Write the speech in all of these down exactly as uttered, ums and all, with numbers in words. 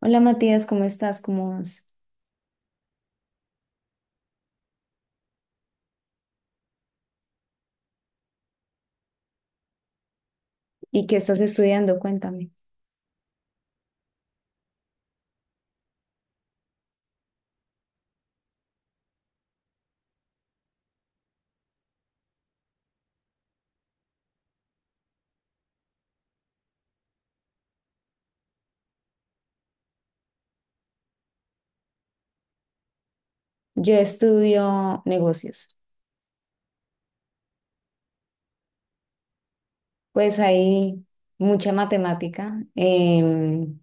Hola Matías, ¿cómo estás? ¿Cómo vas? ¿Y qué estás estudiando? Cuéntame. Yo estudio negocios. Pues hay mucha matemática, em,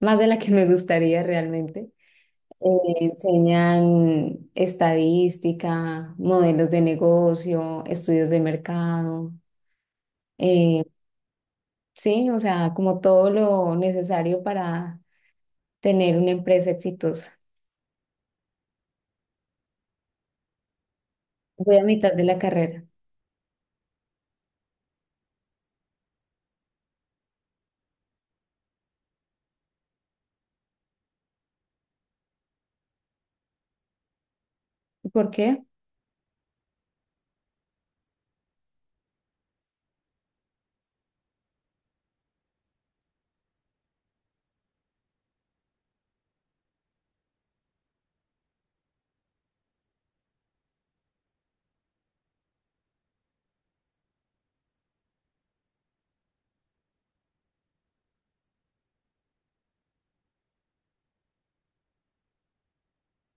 más de la que me gustaría realmente. Eh, enseñan estadística, modelos de negocio, estudios de mercado. eh, sí, o sea, como todo lo necesario para tener una empresa exitosa. Voy a mitad de la carrera. ¿Por qué?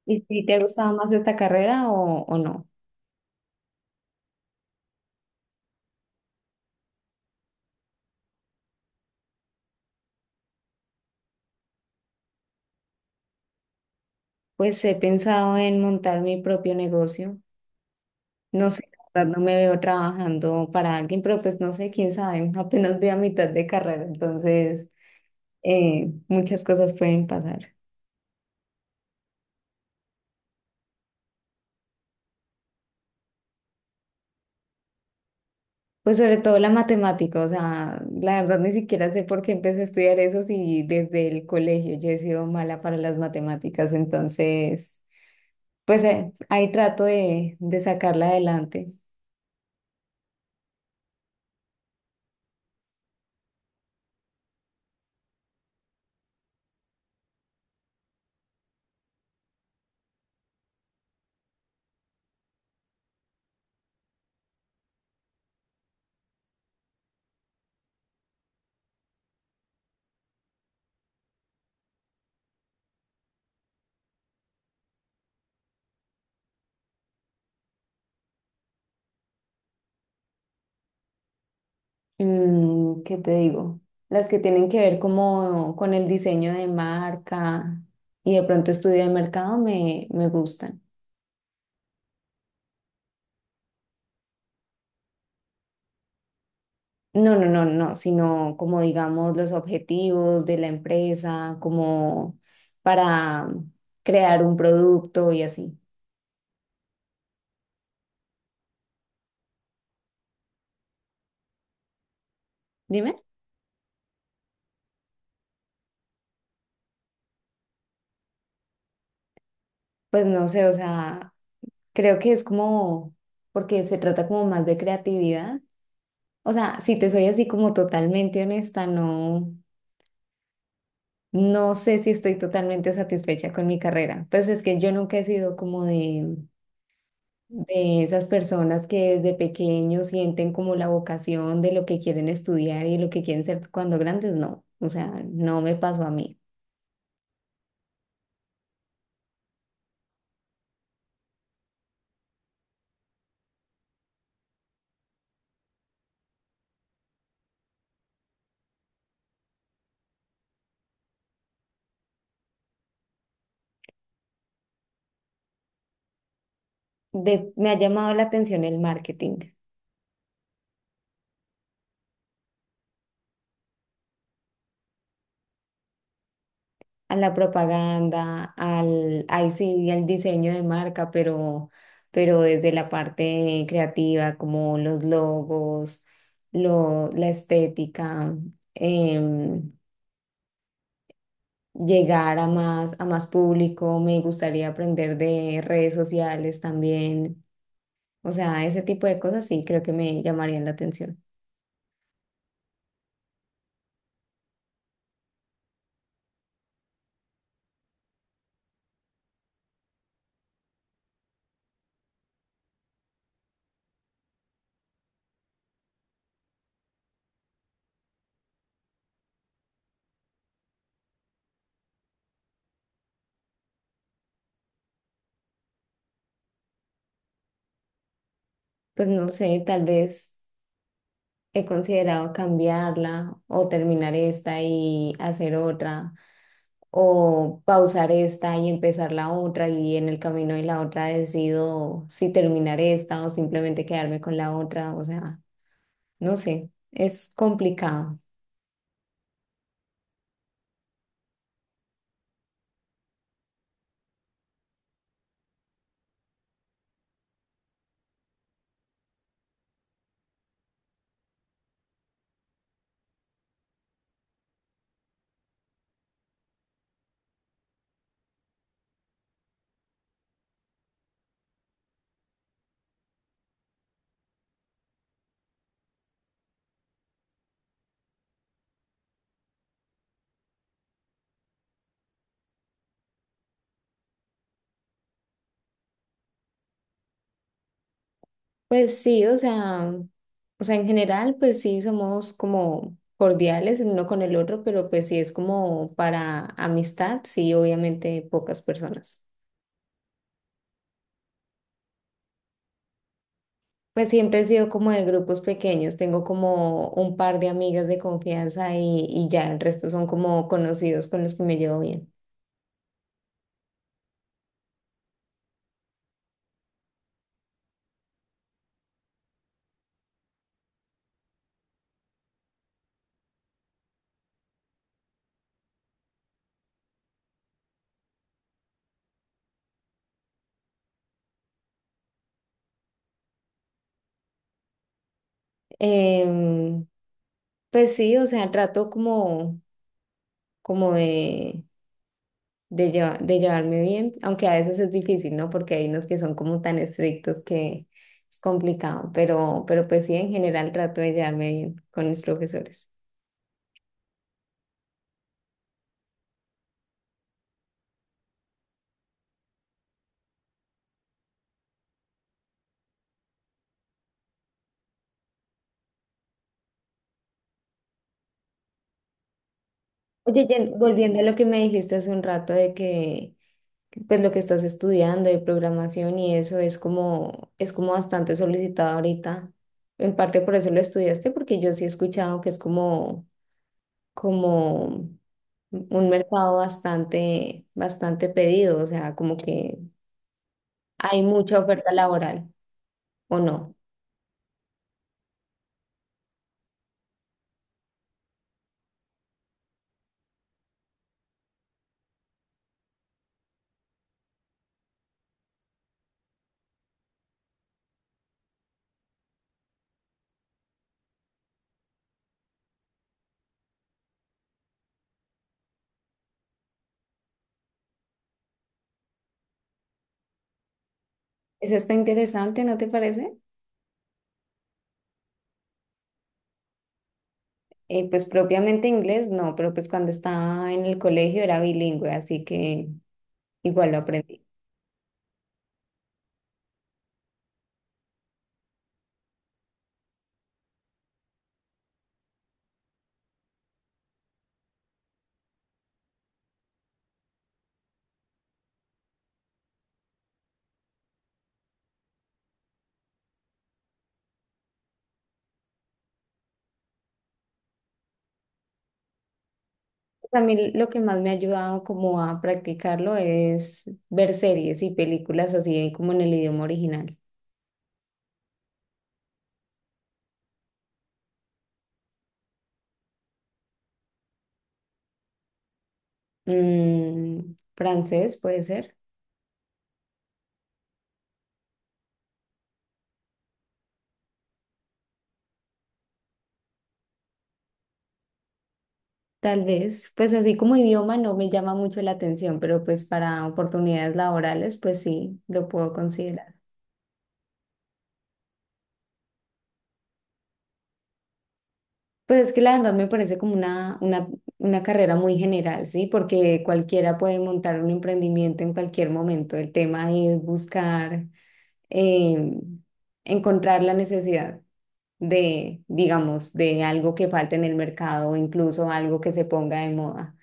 ¿Y si te ha gustado más esta carrera o, o no? Pues he pensado en montar mi propio negocio. No sé, la verdad, no me veo trabajando para alguien, pero pues no sé, quién sabe, apenas voy a mitad de carrera, entonces eh, muchas cosas pueden pasar. Pues sobre todo la matemática, o sea, la verdad ni siquiera sé por qué empecé a estudiar eso si desde el colegio yo he sido mala para las matemáticas, entonces pues eh, ahí trato de, de sacarla adelante. Mm, ¿qué te digo? Las que tienen que ver como con el diseño de marca y de pronto estudio de mercado me, me gustan. No, no, no, no, sino como digamos los objetivos de la empresa, como para crear un producto y así. Dime, pues no sé, o sea, creo que es como, porque se trata como más de creatividad. O sea, si te soy así como totalmente honesta, no. No sé si estoy totalmente satisfecha con mi carrera. Pues es que yo nunca he sido como de, de esas personas que desde pequeños sienten como la vocación de lo que quieren estudiar y lo que quieren ser cuando grandes. No, o sea, no me pasó a mí. De- me ha llamado la atención el marketing, a la propaganda, al, ahí sí, al diseño de marca, pero, pero desde la parte creativa, como los logos, lo, la estética. em, Llegar a más, a más público, me gustaría aprender de redes sociales también, o sea, ese tipo de cosas sí creo que me llamarían la atención. Pues no sé, tal vez he considerado cambiarla o terminar esta y hacer otra, o pausar esta y empezar la otra y en el camino de la otra decido si terminar esta o simplemente quedarme con la otra, o sea, no sé, es complicado. Pues sí, o sea, o sea, en general, pues sí somos como cordiales el uno con el otro, pero pues sí es como para amistad, sí, obviamente pocas personas. Pues siempre he sido como de grupos pequeños, tengo como un par de amigas de confianza y, y ya el resto son como conocidos con los que me llevo bien. Em, pues sí, o sea, trato como, como de de, lleva- de llevarme bien, aunque a veces es difícil, ¿no? Porque hay unos que son como tan estrictos que es complicado, pero, pero pues sí, en general trato de llevarme bien con mis profesores. Oye, Jen, volviendo a lo que me dijiste hace un rato de que pues lo que estás estudiando de programación y eso es como, es como bastante solicitado ahorita. En parte por eso lo estudiaste, porque yo sí he escuchado que es como, como un mercado bastante, bastante pedido, o sea, como que hay mucha oferta laboral, ¿o no? Eso está interesante, ¿no te parece? Eh, pues propiamente inglés, no, pero pues cuando estaba en el colegio era bilingüe, así que igual lo aprendí. A mí lo que más me ha ayudado como a practicarlo es ver series y películas así como en el idioma original. Mm, francés puede ser, tal vez. Pues así como idioma no me llama mucho la atención, pero pues para oportunidades laborales, pues sí, lo puedo considerar. Pues es que la verdad me parece como una, una, una carrera muy general, ¿sí? Porque cualquiera puede montar un emprendimiento en cualquier momento. El tema es buscar, eh, encontrar la necesidad de, digamos, de algo que falte en el mercado o incluso algo que se ponga de moda.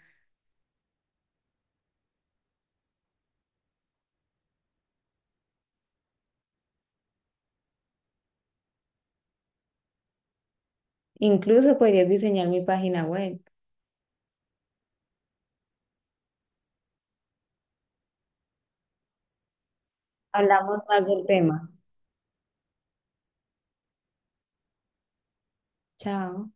Incluso podrías diseñar mi página web. Hablamos más del tema. Chao.